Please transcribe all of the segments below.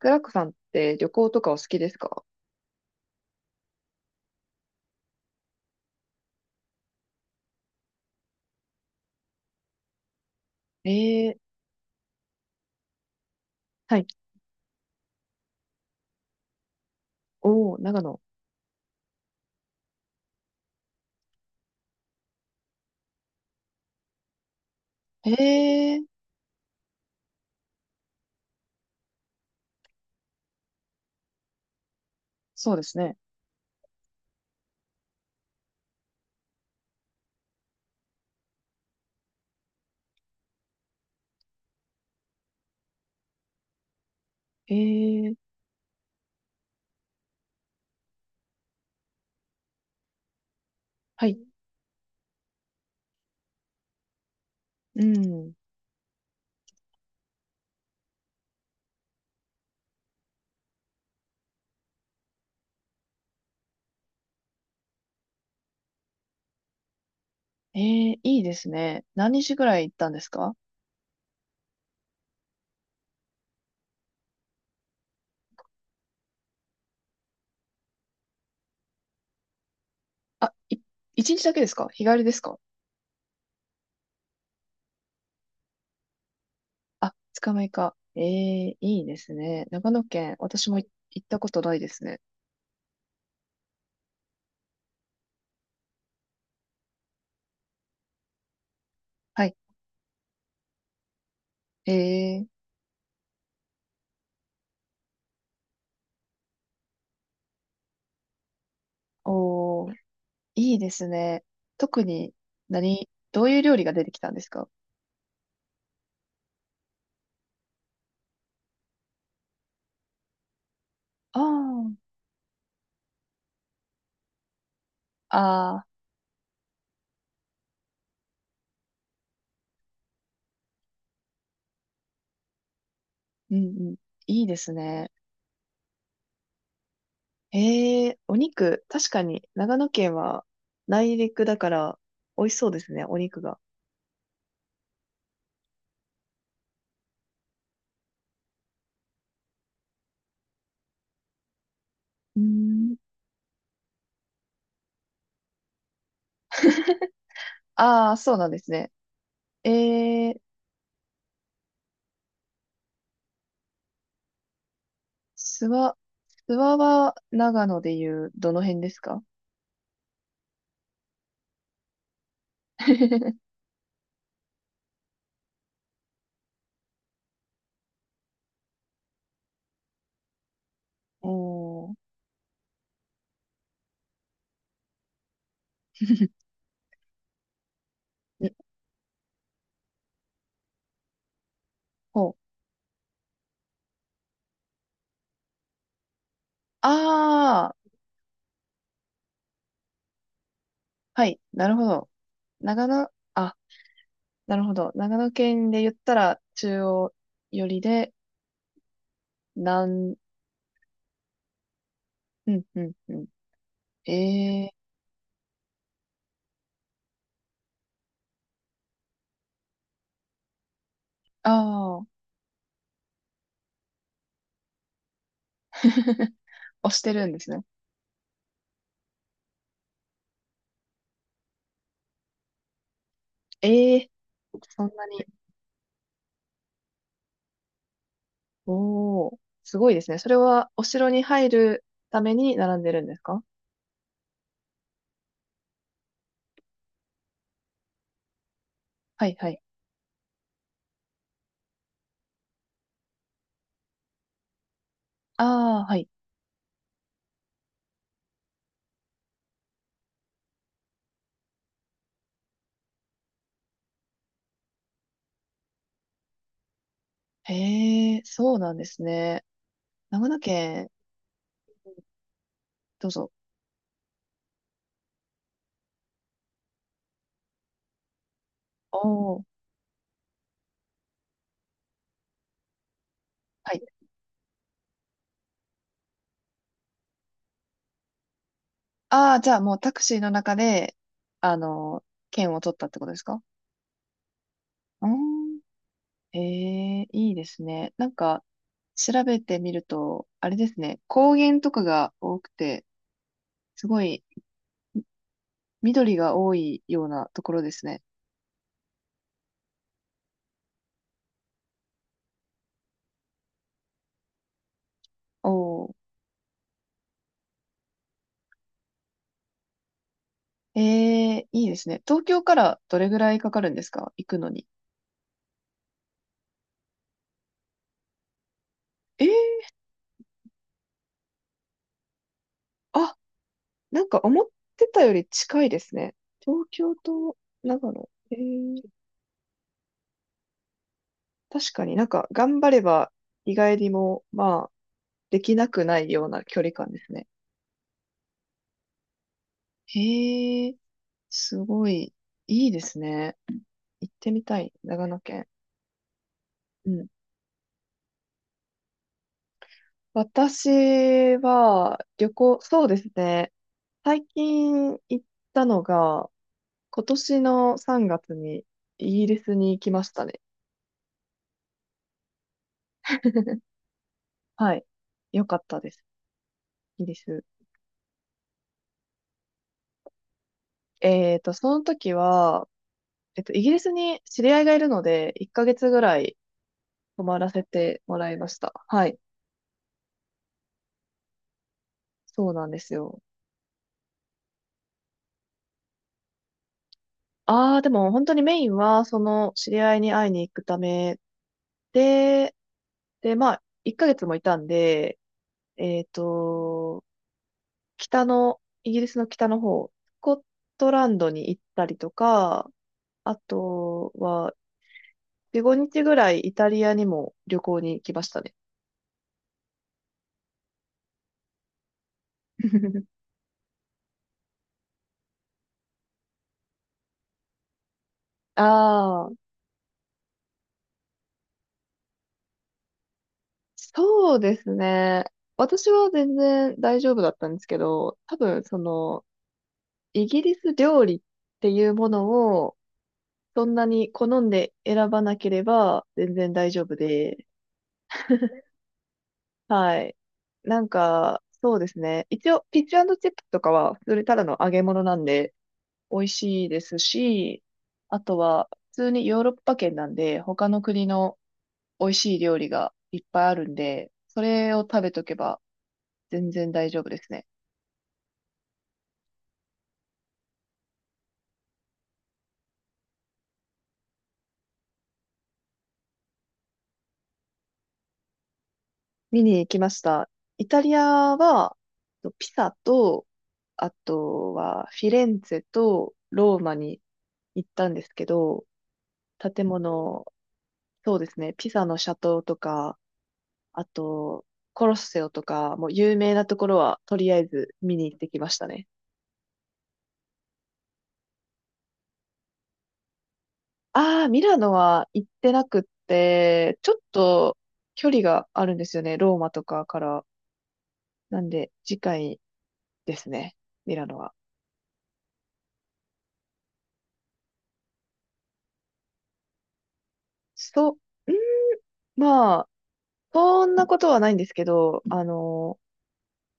クラックさんって旅行とかお好きですか？ええ、はい。おー、長野。ええ、そうですね。ええ、はい。うん。ええ、いいですね。何日ぐらい行ったんですか？あ、い、一日だけですか？日帰りですか？あ、二日目か。ええ、いいですね。長野県、私もい行ったことないですね。はい。ええ、おー、いいですね。特に、何、どういう料理が出てきたんですか？ああー、ああ、うんうん。いいですね。ええ、お肉、確かに長野県は内陸だから美味しそうですね、お肉が。うーん。ああ、そうなんですね。ええ、諏訪、諏訪は長野でいうどの辺ですか？ おー、ん、ほう。ああ、はい、なるほど。長野、あ、なるほど。長野県で言ったら中央寄りで、南、うん、うん、うん。ええ、ああ、押してるんですね。ええ、そんなに。おー、すごいですね。それは、お城に入るために並んでるんですか？はいはい。ああ、はい。へえ、そうなんですね。長野県、どうぞ。おー、はい。ああ、じゃあもうタクシーの中で、あの、券を取ったってことですか？うーん。ええ、いいですね。なんか、調べてみると、あれですね。高原とかが多くて、すごい緑が多いようなところですね。おー。ええ、いいですね。東京からどれぐらいかかるんですか、行くのに。ええ、あ、なんか思ってたより近いですね。東京と長野。ええ、確かになんか頑張れば意外にも、まあ、できなくないような距離感ですね。へえ、すごい、いいですね。行ってみたい、長野県。うん。私は旅行、そうですね。最近行ったのが、今年の3月にイギリスに行きましたね。はい。よかったです。イギリス。その時は、イギリスに知り合いがいるので、1ヶ月ぐらい泊まらせてもらいました。はい。そうなんですよ。ああ、でも本当にメインは、その知り合いに会いに行くためで、で、まあ、1ヶ月もいたんで、えっと、北の、イギリスの北の方、スコットランドに行ったりとか、あとは、4、5日ぐらいイタリアにも旅行に行きましたね。ああ、そうですね。私は全然大丈夫だったんですけど、多分その、イギリス料理っていうものを、そんなに好んで選ばなければ全然大丈夫で、はい。なんか、そうですね。一応、ピッチチップとかは、それただの揚げ物なんで、美味しいですし、あとは普通にヨーロッパ圏なんで、他の国の美味しい料理がいっぱいあるんで、それを食べとけば全然大丈夫ですね。見に行きました。イタリアは、ピサと、あとはフィレンツェとローマに行ったんですけど、建物、そうですね、ピサの斜塔とか、あと、コロッセオとか、もう有名なところはとりあえず見に行ってきましたね。ああ、ミラノは行ってなくって、ちょっと距離があるんですよね。ローマとかから。なんで、次回ですね。ミラノは。そう、ん、まあ、そんなことはないんですけど、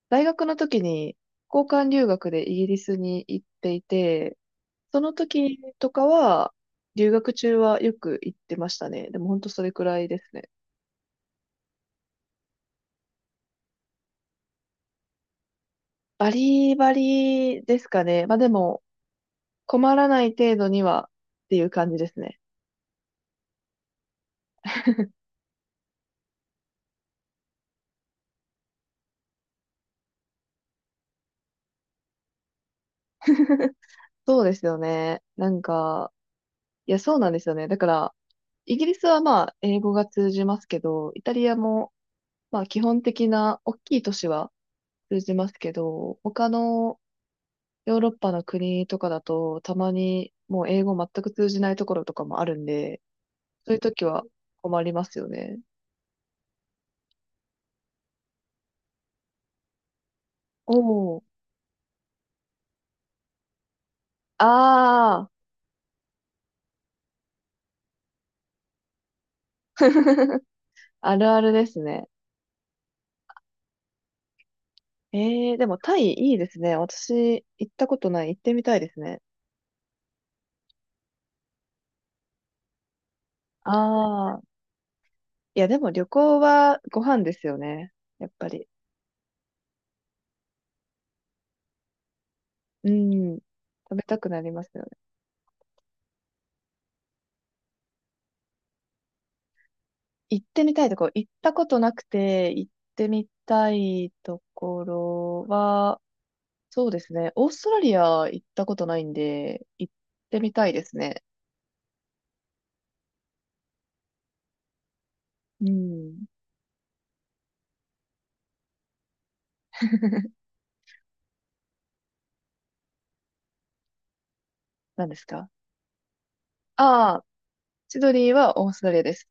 大学の時に交換留学でイギリスに行っていて、その時とかは、留学中はよく行ってましたね。でも本当それくらいですね。バリバリですかね。まあでも、困らない程度にはっていう感じですね。そうですよね。なんか、いや、そうなんですよね。だから、イギリスはまあ、英語が通じますけど、イタリアもまあ、基本的な大きい都市は通じますけど、他のヨーロッパの国とかだと、たまにもう英語全く通じないところとかもあるんで、そういう時は困りますよね。おー。ああ、あるあるですね。ええ、でもタイいいですね。私、行ったことない。行ってみたいですね。ああ、いや、でも旅行はご飯ですよね。やっぱり。うん。食べたくなりますよね。行ってみたいとこ、行ったことなくて、行ってみたいところは、そうですね。オーストラリア行ったことないんで、行ってみたいですね。うん。何ですか？ああー、シドニーはオーストラリアです。